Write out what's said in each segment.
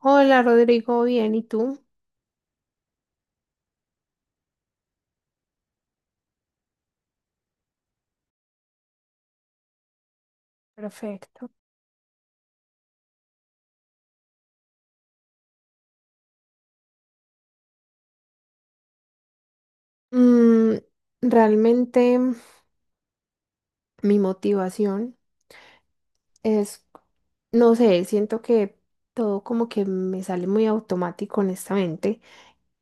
Hola Rodrigo, bien, ¿y tú? Perfecto. Mm, realmente mi motivación es, no sé, siento que todo como que me sale muy automático, honestamente.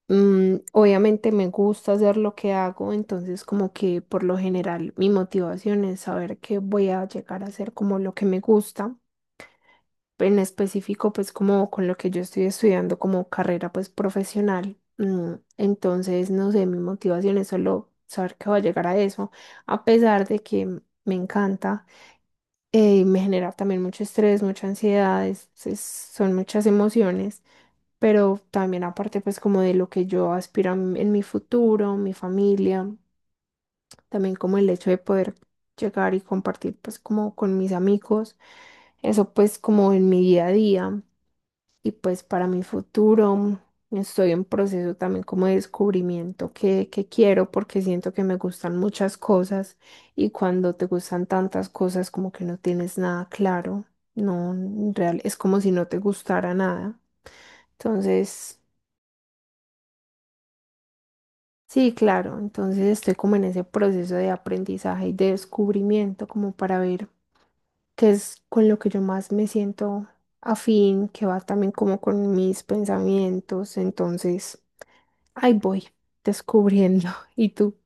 Obviamente me gusta hacer lo que hago, entonces como que por lo general mi motivación es saber que voy a llegar a hacer como lo que me gusta. En específico, pues como con lo que yo estoy estudiando como carrera pues profesional. Entonces, no sé, mi motivación es solo saber que voy a llegar a eso, a pesar de que me encanta y me genera también mucho estrés, mucha ansiedad, son muchas emociones, pero también aparte pues como de lo que yo aspiro en mi futuro, mi familia, también como el hecho de poder llegar y compartir pues como con mis amigos, eso pues como en mi día a día y pues para mi futuro estoy en proceso también como de descubrimiento que quiero porque siento que me gustan muchas cosas y cuando te gustan tantas cosas como que no tienes nada claro, no, en real, es como si no te gustara nada. Entonces, sí, claro, entonces estoy como en ese proceso de aprendizaje y de descubrimiento como para ver. Que es con lo que yo más me siento afín, que va también como con mis pensamientos. Entonces, ahí voy descubriendo. ¿Y tú?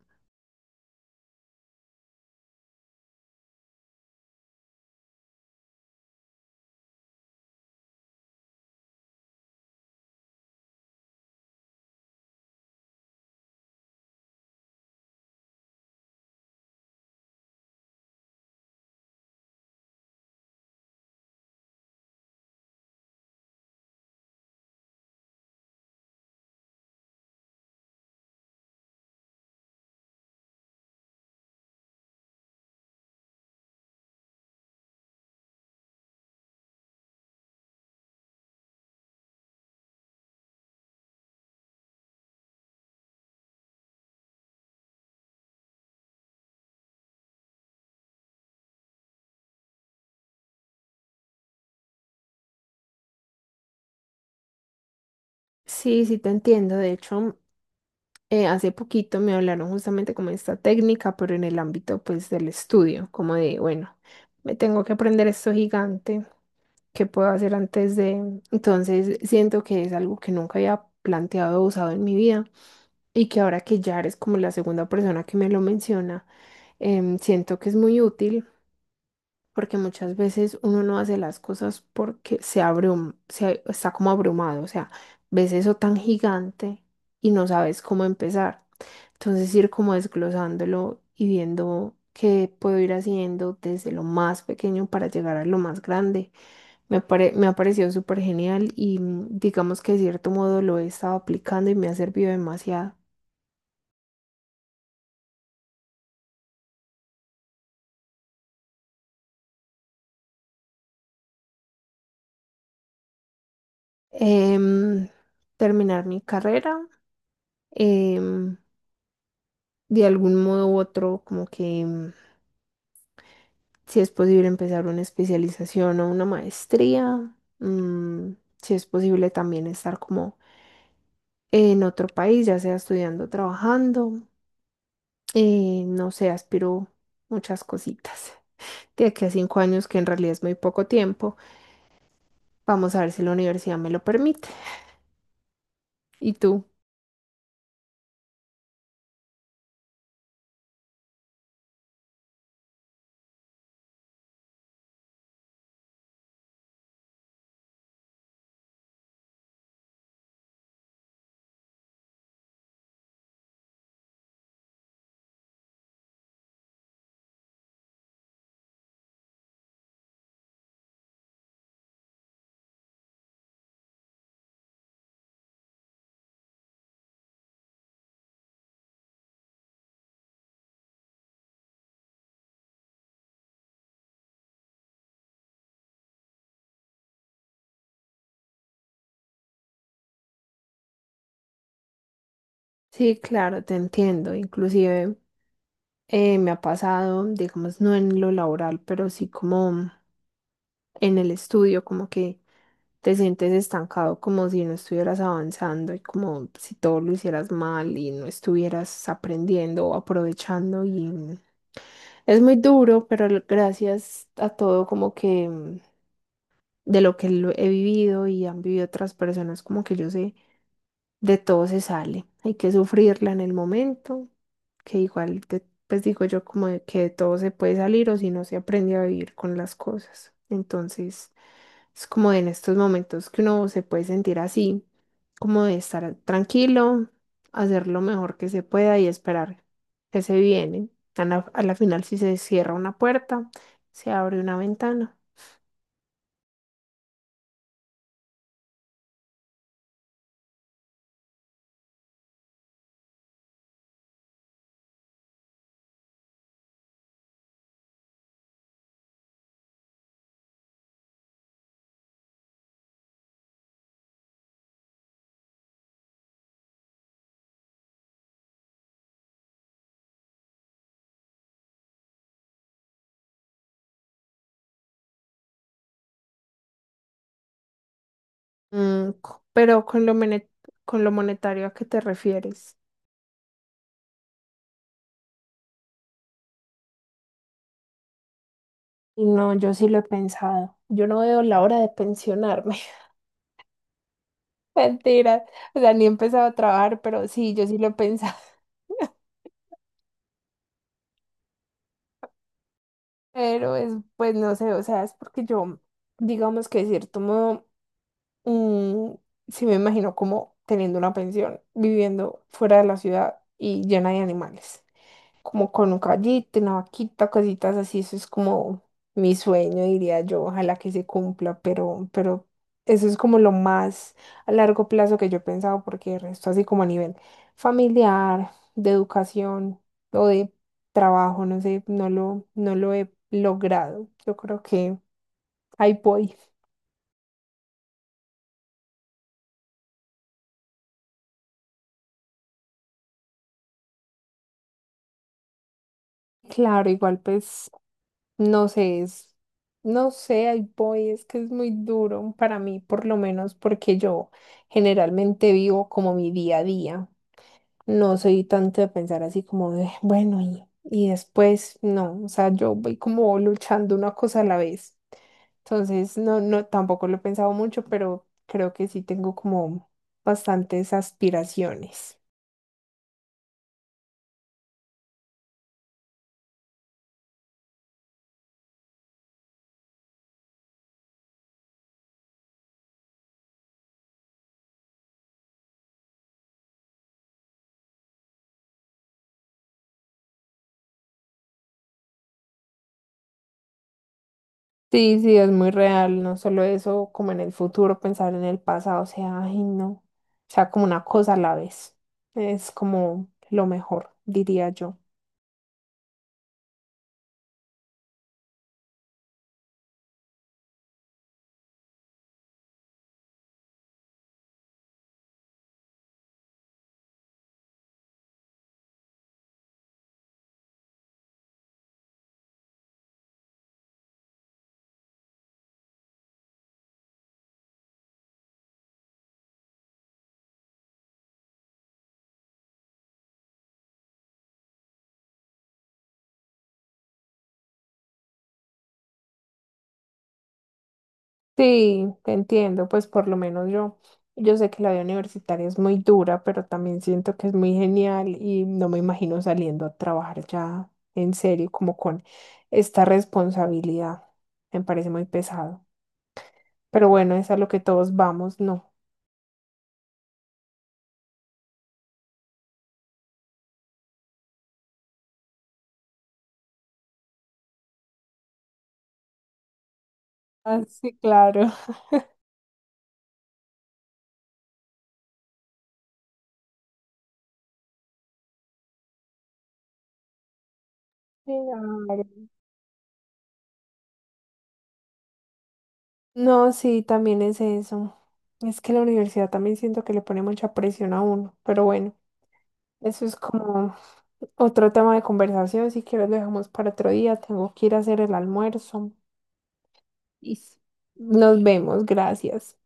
Sí, sí, te entiendo. De hecho, hace poquito me hablaron justamente como de esta técnica, pero en el ámbito pues del estudio, como de, bueno, me tengo que aprender esto gigante, ¿qué puedo hacer antes de...? Entonces siento que es algo que nunca había planteado o usado en mi vida y que ahora que ya eres como la segunda persona que me lo menciona, siento que es muy útil porque muchas veces uno no hace las cosas porque se está como abrumado, o sea, ves eso tan gigante y no sabes cómo empezar. Entonces ir como desglosándolo y viendo qué puedo ir haciendo desde lo más pequeño para llegar a lo más grande. Me ha parecido súper genial y digamos que de cierto modo lo he estado aplicando y me ha servido demasiado. Em, terminar mi carrera, em, de algún modo u otro, como que si es posible empezar una especialización o una maestría, si es posible también estar como en otro país, ya sea estudiando o trabajando, no sé, aspiro muchas cositas. De aquí a 5 años, que en realidad es muy poco tiempo, vamos a ver si la universidad me lo permite. ¿Y tú? Sí, claro, te entiendo. Inclusive me ha pasado, digamos, no en lo laboral, pero sí como en el estudio, como que te sientes estancado, como si no estuvieras avanzando y como si todo lo hicieras mal y no estuvieras aprendiendo o aprovechando y es muy duro, pero gracias a todo como que de lo que lo he vivido y han vivido otras personas, como que yo sé de todo se sale. Hay que sufrirla en el momento, que igual, pues digo yo como de que de todo se puede salir o si no se aprende a vivir con las cosas. Entonces, es como en estos momentos que uno se puede sentir así, como de estar tranquilo, hacer lo mejor que se pueda y esperar que se viene. A la final, si se cierra una puerta, se abre una ventana. Pero con con lo monetario, ¿a qué te refieres? No, yo sí lo he pensado. Yo no veo la hora de pensionarme. Mentira. O sea, ni he empezado a trabajar, pero sí, yo sí lo he pensado. Pero es, pues no sé, o sea, es porque yo, digamos que de cierto modo, mm, sí me imagino como teniendo una pensión, viviendo fuera de la ciudad y llena de animales. Como con un caballito, una vaquita, cositas así, eso es como mi sueño, diría yo, ojalá que se cumpla, pero eso es como lo más a largo plazo que yo he pensado, porque el resto así como a nivel familiar, de educación o de trabajo, no sé, no lo he logrado. Yo creo que ahí voy. Claro, igual pues. No sé, es, no sé, ahí voy, es que es muy duro para mí, por lo menos porque yo generalmente vivo como mi día a día. No soy tanto de pensar así como de, bueno, y después, no, o sea, yo voy como luchando una cosa a la vez. Entonces, tampoco lo he pensado mucho, pero creo que sí tengo como bastantes aspiraciones. Sí, sí, es muy real, no solo eso, como en el futuro, pensar en el pasado, o sea, ay, no, o sea, como una cosa a la vez, es como lo mejor, diría yo. Sí, te entiendo, pues por lo menos yo, yo sé que la vida universitaria es muy dura, pero también siento que es muy genial y no me imagino saliendo a trabajar ya en serio, como con esta responsabilidad, me parece muy pesado, pero bueno, es a lo que todos vamos, ¿no? Ah, sí, claro. Claro. No, sí, también es eso. Es que la universidad también siento que le pone mucha presión a uno, pero bueno, eso es como otro tema de conversación. Si quieres, lo dejamos para otro día. Tengo que ir a hacer el almuerzo. Y nos vemos, gracias.